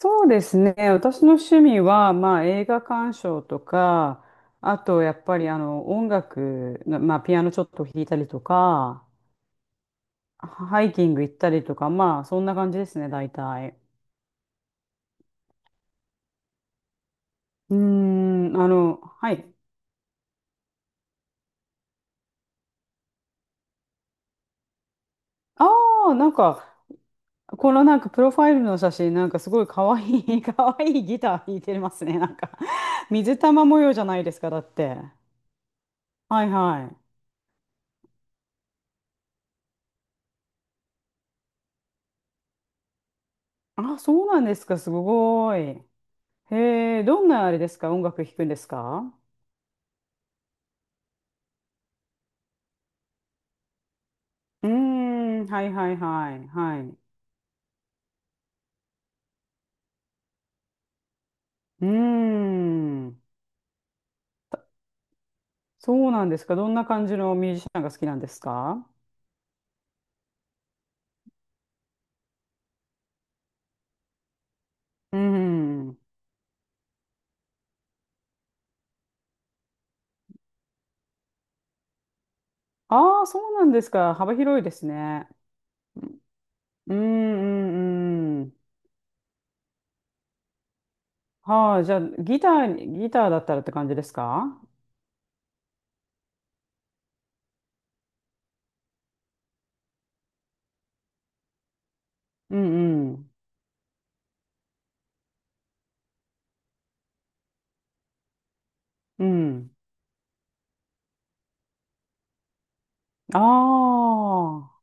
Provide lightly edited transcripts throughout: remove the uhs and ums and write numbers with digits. そうですね。私の趣味は、映画鑑賞とか、あと、やっぱり、音楽の、ピアノちょっと弾いたりとか、ハイキング行ったりとか、まあ、そんな感じですね、大体。はい。ああ、なんか、このなんか、プロファイルの写真、なんか、すごい可愛い、可愛いギター弾いてますね。水玉模様じゃないですか、だって。はいはい。あ、そうなんですか、すごい。へえ、どんなあれですか？音楽弾くんですか？うーん、はいはいはい、はい。うーん、そうなんですか？どんな感じのミュージシャンが好きなんですか？うーん。ああ、そうなんですか、幅広いですね。うーん、うん、うん。はあ、じゃあ、ギターだったらって感じですか？うんうん。うん。ああ。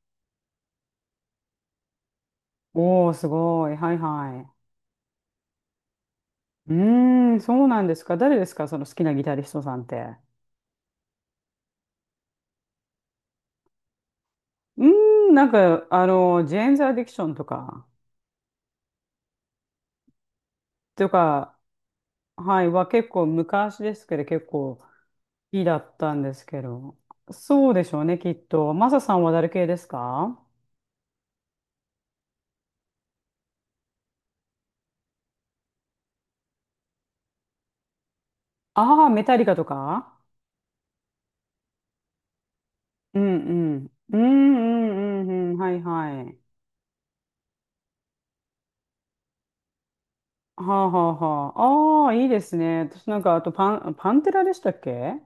おお、すごい。はいはい。うーん、そうなんですか。誰ですか、その好きなギタリストさんって。うーん、ジェーンズ・アディクションとか、とか、はい、は結構昔ですけど、結構好きだったんですけど、そうでしょうね、きっと。マサさんは誰系ですか？ああー、メタリカとか？うんうん。うんうんうんうん、はいはい。はあはあはあ。ああ、いいですね。私なんか、あとパンテラでしたっけ？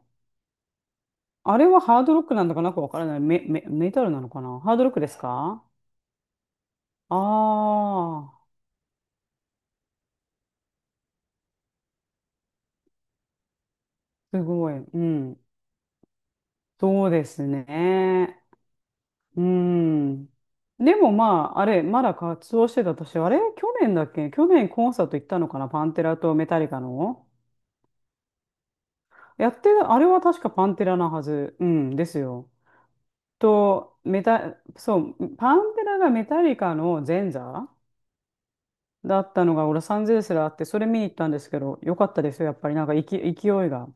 あれはハードロックなんだかなんかわからない。メタルなのかな？ハードロックですか？ああー、すごい。うん。そうですね。うん。でもまあ、あれ、まだ活動してた、私、あれ、去年だっけ？去年コンサート行ったのかな、パンテラとメタリカの。やってた、あれは確かパンテラなはず。うん、ですよ。と、そう、パンテラがメタリカの前座だったのが、ロサンゼルスであって、それ見に行ったんですけど、よかったですよ、やっぱり、勢いが。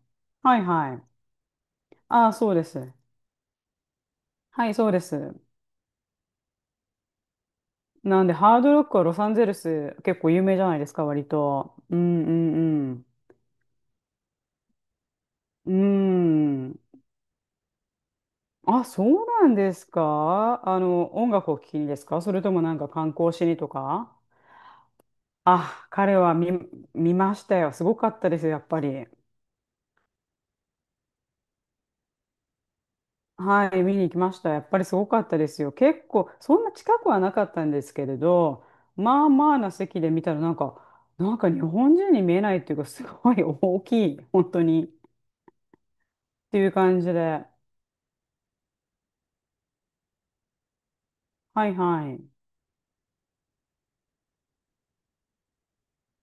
はいはい。ああ、そうです。はい、そうです。なんで、ハードロックはロサンゼルス結構有名じゃないですか、割と。うんうんうん。うん。あ、そうなんですか？あの、音楽を聴きにですか？それともなんか観光しにとか？あ、彼は見、見ましたよ。すごかったですよ、やっぱり。はい、見に行きました。やっぱりすごかったですよ。結構、そんな近くはなかったんですけれど、まあまあな席で見たらなんか、なんか日本人に見えないっていうか、すごい大きい、本当に。っていう感じで。はいはい。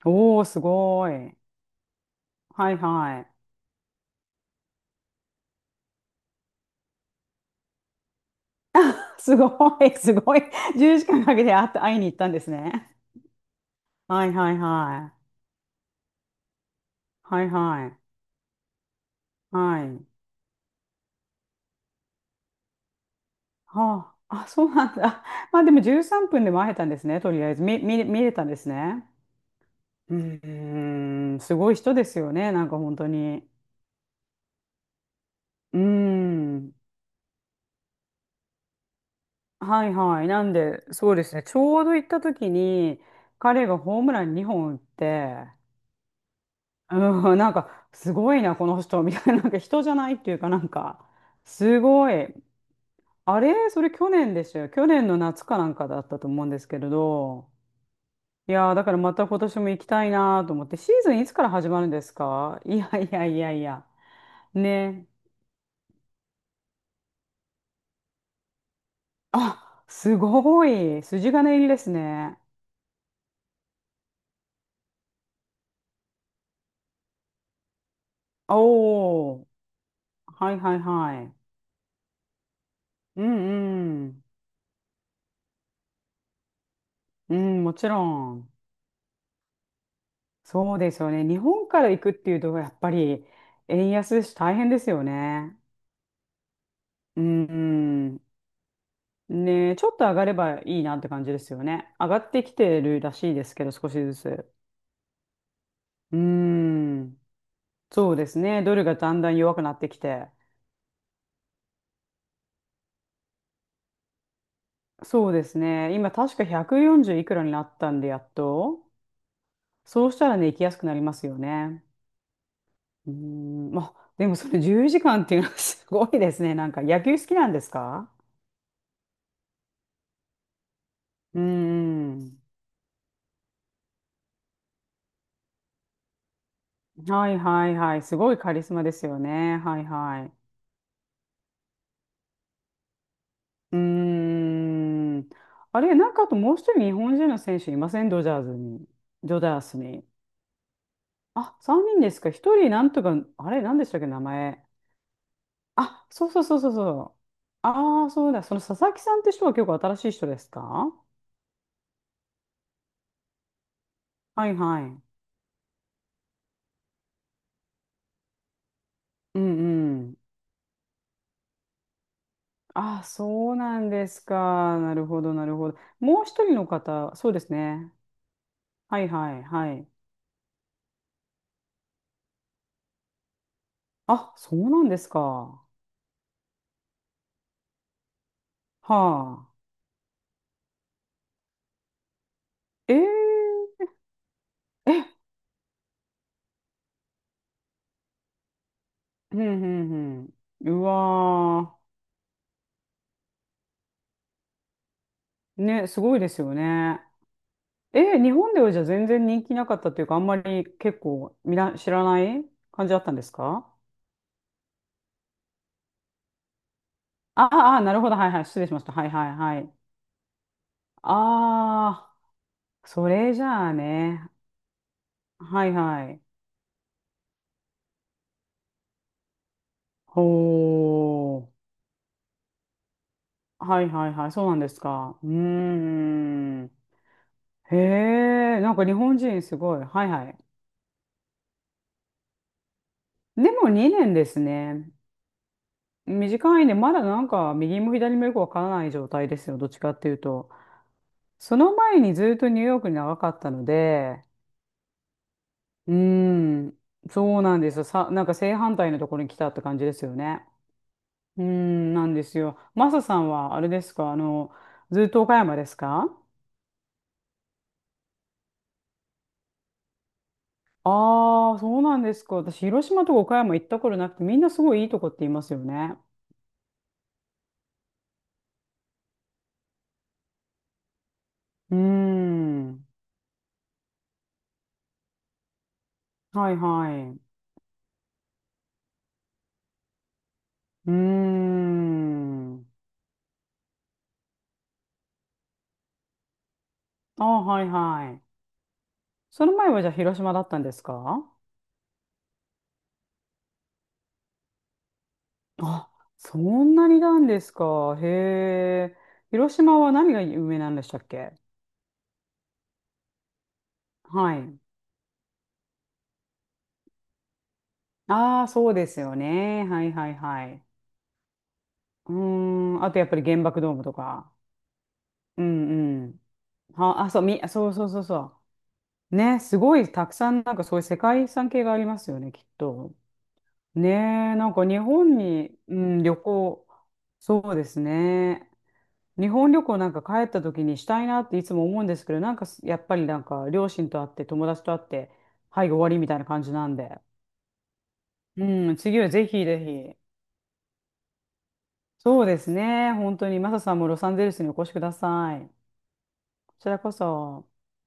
おー、すごい。はいはい。すごい、すごい。10時間かんかけて会いに行ったんですね。はいはいはい。はいはい。はい。はあ、あ、そうなんだ。まあでも13分でも会えたんですね、とりあえず。見れたんですね。うーん、すごい人ですよね、なんか本当に。うーん。はいはい。なんで、そうですね。ちょうど行った時に、彼がホームラン2本打って、うん、なんか、すごいな、この人、みたいな、なんか人じゃないっていうかなんか、すごい。あれ、それ去年でしたよ。去年の夏かなんかだったと思うんですけれど。いやー、だからまた今年も行きたいなと思って、シーズンいつから始まるんですか？ いやいやいやいや。ね。あ、すごい。筋金入りですね。おー。はいはいはい。うんうん。うん、もちろん。そうですよね。日本から行くっていうと、やっぱり円安ですし、大変ですよね。うん、ねえ、ちょっと上がればいいなって感じですよね。上がってきてるらしいですけど、少しずつ。うん。そうですね。ドルがだんだん弱くなってきて。そうですね。今、確か140いくらになったんで、やっと。そうしたらね、行きやすくなりますよね。うーん。まあ、でもそれ10時間っていうのは すごいですね。なんか、野球好きなんですか？うーん。はいはいはい。すごいカリスマですよね。はいはい。うーん。あれ、なんかあともう一人日本人の選手いません？ドジャースに。あ、3人ですか。一人なんとか、あれ、なんでしたっけ、名前。あ、そうそうそうそうそう。ああ、そうだ。その佐々木さんって人は結構新しい人ですか？はいはい。うんうん。ああ、そうなんですか。なるほど、なるほど。もう一人の方、そうですね。はいはいはい。あ、そうなんですか。はあ。えええ、うんうんうん。うわー。ね、すごいですよね。え、日本ではじゃあ全然人気なかったというか、あんまり結構みな知らない感じだったんですか？ああ、あなるほど。はいはい。失礼しました。はいはいはい。ああ、それじゃあね。はいはい。ほー。はいはいはい。そうなんですか。うーん。へえ、なんか日本人すごい。はいはい。でも2年ですね。短いね、まだなんか右も左もよくわからない状態ですよ、どっちかっていうと。その前にずっとニューヨークに長かったので、うーん、そうなんですよ。さ、なんか正反対のところに来たって感じですよね。うーん、なんですよ。マサさんはあれですか、あの、ずっと岡山ですか？ああー、そうなんですか。私、広島とか岡山行ったことなくて、みんなすごいいいとこって言いますよね。うーん、はいはい。うーん、ああ、はいはい。その前はじゃあ広島だったんですか？あ、そんなになんですか。へえ。広島は何が有名なんでしたっけ？はい。ああ、そうですよね。はいはいはい。うーん。あとやっぱり原爆ドームとか。うんうん。は、あ、そう、み、そうそうそうそう。ね、すごいたくさんなんかそういう世界遺産系がありますよね、きっと。ねえ、なんか日本に、うん、旅行、そうですね。日本旅行なんか帰った時にしたいなっていつも思うんですけど、なんかすやっぱりなんか両親と会って友達と会って、はい、終わりみたいな感じなんで。うん、次はぜひぜひ。そうですね。本当に、マサさんもロサンゼルスにお越しください。こちらこそ。